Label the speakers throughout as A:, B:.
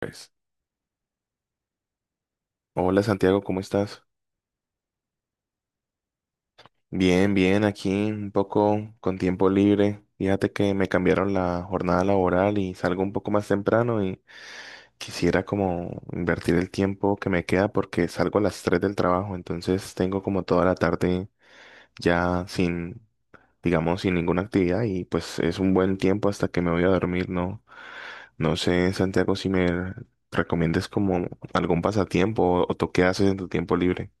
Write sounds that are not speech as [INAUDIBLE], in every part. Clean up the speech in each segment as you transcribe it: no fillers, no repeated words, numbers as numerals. A: Pues, hola Santiago, ¿cómo estás? Bien, bien, aquí un poco con tiempo libre. Fíjate que me cambiaron la jornada laboral y salgo un poco más temprano y quisiera como invertir el tiempo que me queda porque salgo a las 3 del trabajo, entonces tengo como toda la tarde ya sin, digamos, sin ninguna actividad y pues es un buen tiempo hasta que me voy a dormir, ¿no? No sé, Santiago, si me recomiendes como algún pasatiempo o tú qué haces en tu tiempo libre.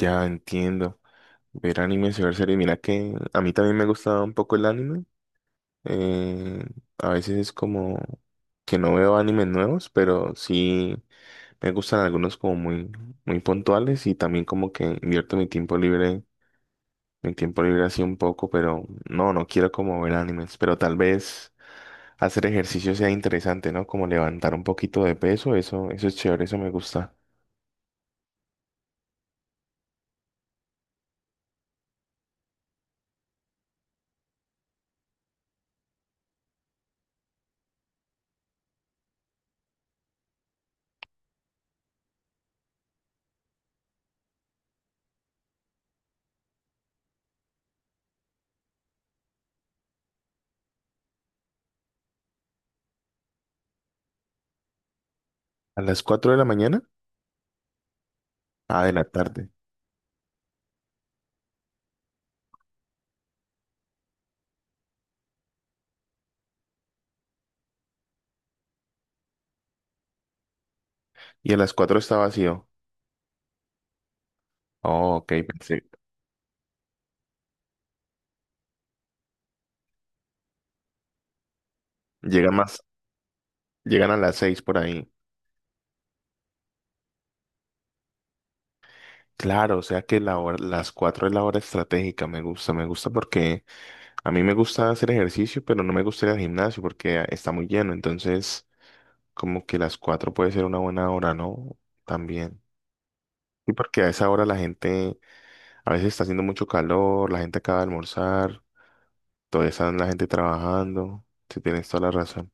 A: Ya entiendo. Ver anime y ver series. Mira que a mí también me gusta un poco el anime. Eh, a veces es como que no veo animes nuevos, pero sí me gustan algunos como muy, muy puntuales y también como que invierto mi tiempo libre, así un poco, pero no, no quiero como ver animes, pero tal vez hacer ejercicio sea interesante, ¿no? Como levantar un poquito de peso, eso es chévere, eso me gusta. A las cuatro de la mañana, ah, de la tarde. Y a las 4 está vacío. Oh, ok, pensé. Llega más, Llegan a las seis por ahí. Claro, o sea que las cuatro es la hora estratégica. Me gusta porque a mí me gusta hacer ejercicio, pero no me gusta ir al gimnasio porque está muy lleno. Entonces, como que las cuatro puede ser una buena hora, ¿no? También. Y porque a esa hora la gente, a veces está haciendo mucho calor, la gente acaba de almorzar, todavía está la gente trabajando. Si tienes toda la razón.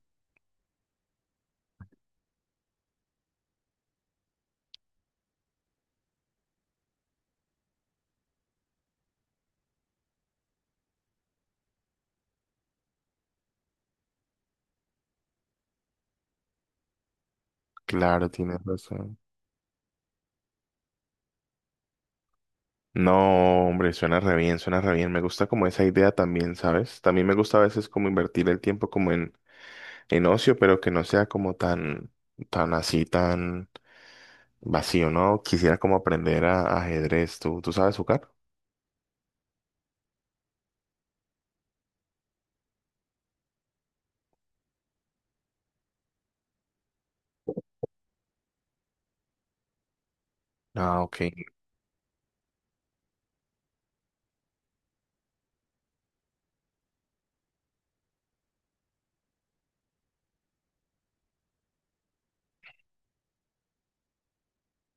A: Claro, tienes razón. No, hombre, suena re bien, suena re bien. Me gusta como esa idea también, ¿sabes? También me gusta a veces como invertir el tiempo como en ocio, pero que no sea como tan, tan así, tan vacío, ¿no? Quisiera como aprender a ajedrez. ¿Tú sabes jugar? Ah, ok.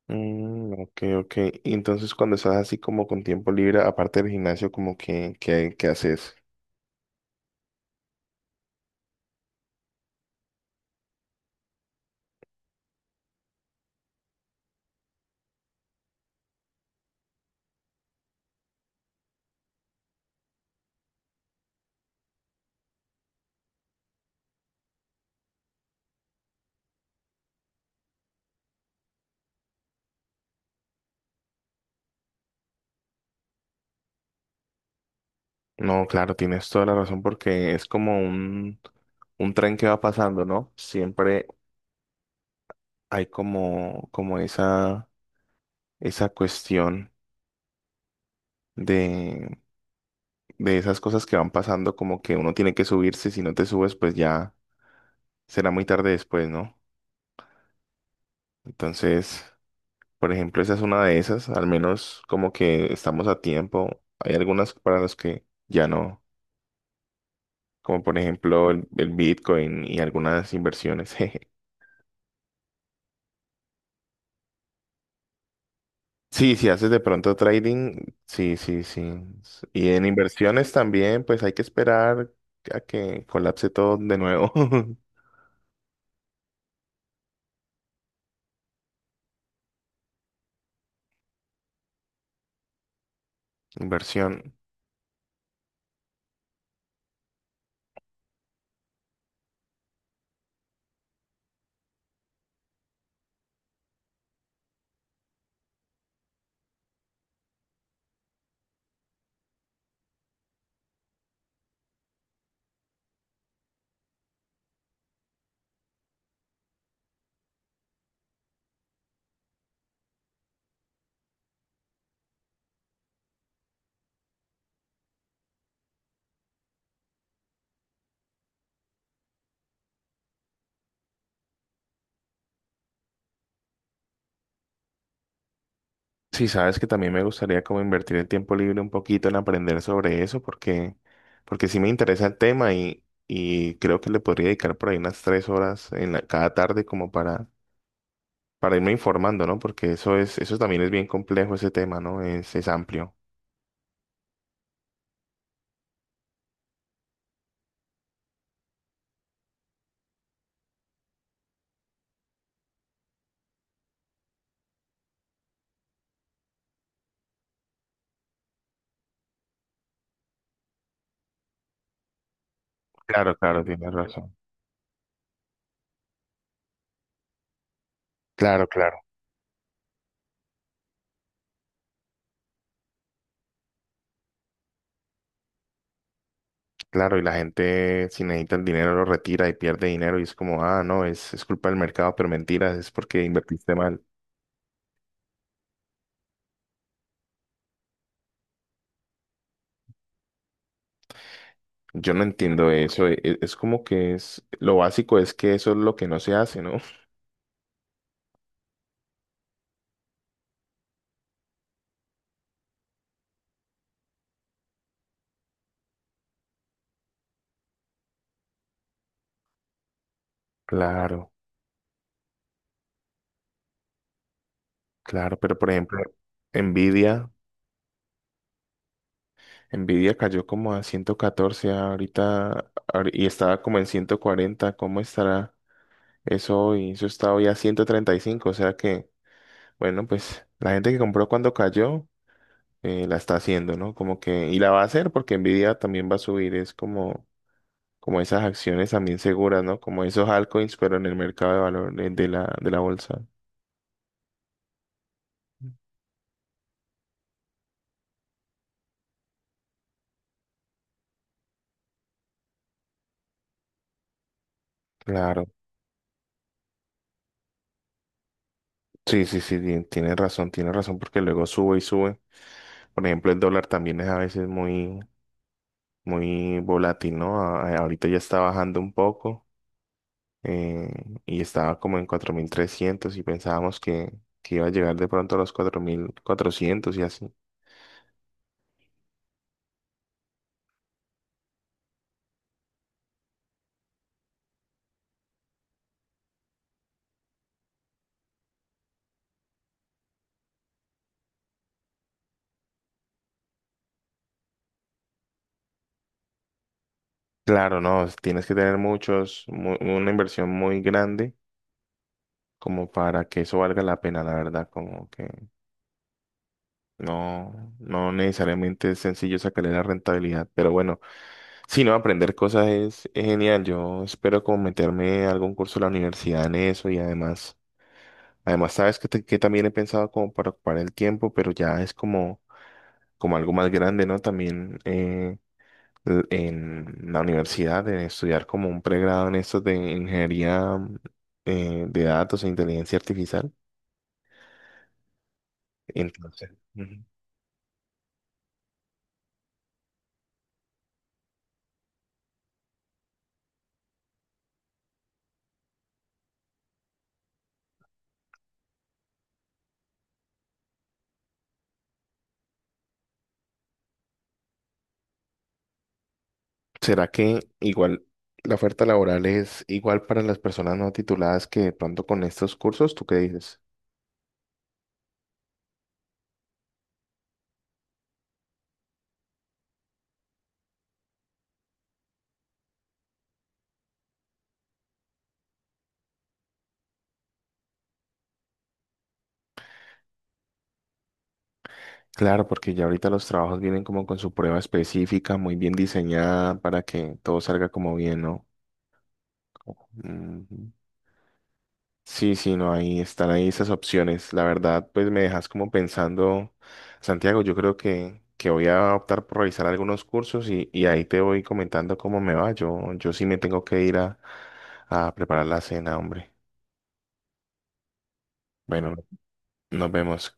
A: Mm, ok, ok. Y entonces cuando estás así como con tiempo libre, aparte del gimnasio, como que haces. No, claro, tienes toda la razón porque es como un tren que va pasando, ¿no? Siempre hay como esa cuestión de, de esas cosas que van pasando, como que uno tiene que subirse, si no te subes, pues ya será muy tarde después, ¿no? Entonces, por ejemplo, esa es una de esas, al menos como que estamos a tiempo. Hay algunas para las que ya no, como por ejemplo el Bitcoin y algunas inversiones. [LAUGHS] jeje. Sí, si haces de pronto trading, sí, sí, sí. Y en inversiones también, pues hay que esperar a que colapse todo de nuevo. [LAUGHS] Inversión. Sí, sabes que también me gustaría como invertir el tiempo libre un poquito en aprender sobre eso porque sí me interesa el tema y creo que le podría dedicar por ahí unas 3 horas cada tarde como para irme informando, ¿no? Porque eso es, eso también es bien complejo ese tema, ¿no? Es amplio. Claro, claro, tienes razón. Claro, claro, claro. Y la gente si necesita el dinero lo retira y pierde dinero y es como, ah, no, es culpa del mercado, pero mentiras, es porque invertiste mal. Yo no entiendo eso. Es, como que es, lo básico es que eso es lo que no se hace, ¿no? [LAUGHS] Claro, claro, pero por ejemplo, Nvidia, Nvidia cayó como a 114 ahorita y estaba como en 140, ¿cómo estará eso hoy? Eso está hoy a 135, o sea que, bueno, pues la gente que compró cuando cayó, la está haciendo, ¿no? Como que, y la va a hacer porque Nvidia también va a subir, es como... como esas acciones también seguras, ¿no? Como esos altcoins, pero en el mercado de valores de la, bolsa. Claro. Sí, sí, sí, tienes razón, tienes razón, porque luego sube y sube. Por ejemplo, el dólar también es a veces muy, muy volátil, ¿no? Ahorita ya está bajando un poco eh, y estaba como en 4.300 y pensábamos que iba a llegar de pronto a los 4.400 y así. Claro, no, tienes que tener una inversión muy grande como para que eso valga la pena, la verdad, como que no, no necesariamente es sencillo sacarle la rentabilidad, pero bueno, si no, aprender cosas es genial, yo espero como meterme a algún curso de la universidad en eso y además sabes que, que también he pensado como para ocupar el tiempo, pero ya es como algo más grande, ¿no? También en la universidad, de estudiar como un pregrado en esto de ingeniería de datos e inteligencia artificial, entonces... ujú. ¿Será que igual la oferta laboral es igual para las personas no tituladas que de pronto con estos cursos? ¿Tú qué dices? Claro, porque ya ahorita los trabajos vienen como con su prueba específica, muy bien diseñada para que todo salga como bien, ¿no? Ujú. Sí, sí, no, ahí están ahí esas opciones. La verdad, pues me dejas como pensando, Santiago, yo creo que voy a optar por revisar algunos cursos y ahí te voy comentando cómo me va. Yo sí me tengo que ir a preparar la cena, hombre. Bueno, nos vemos.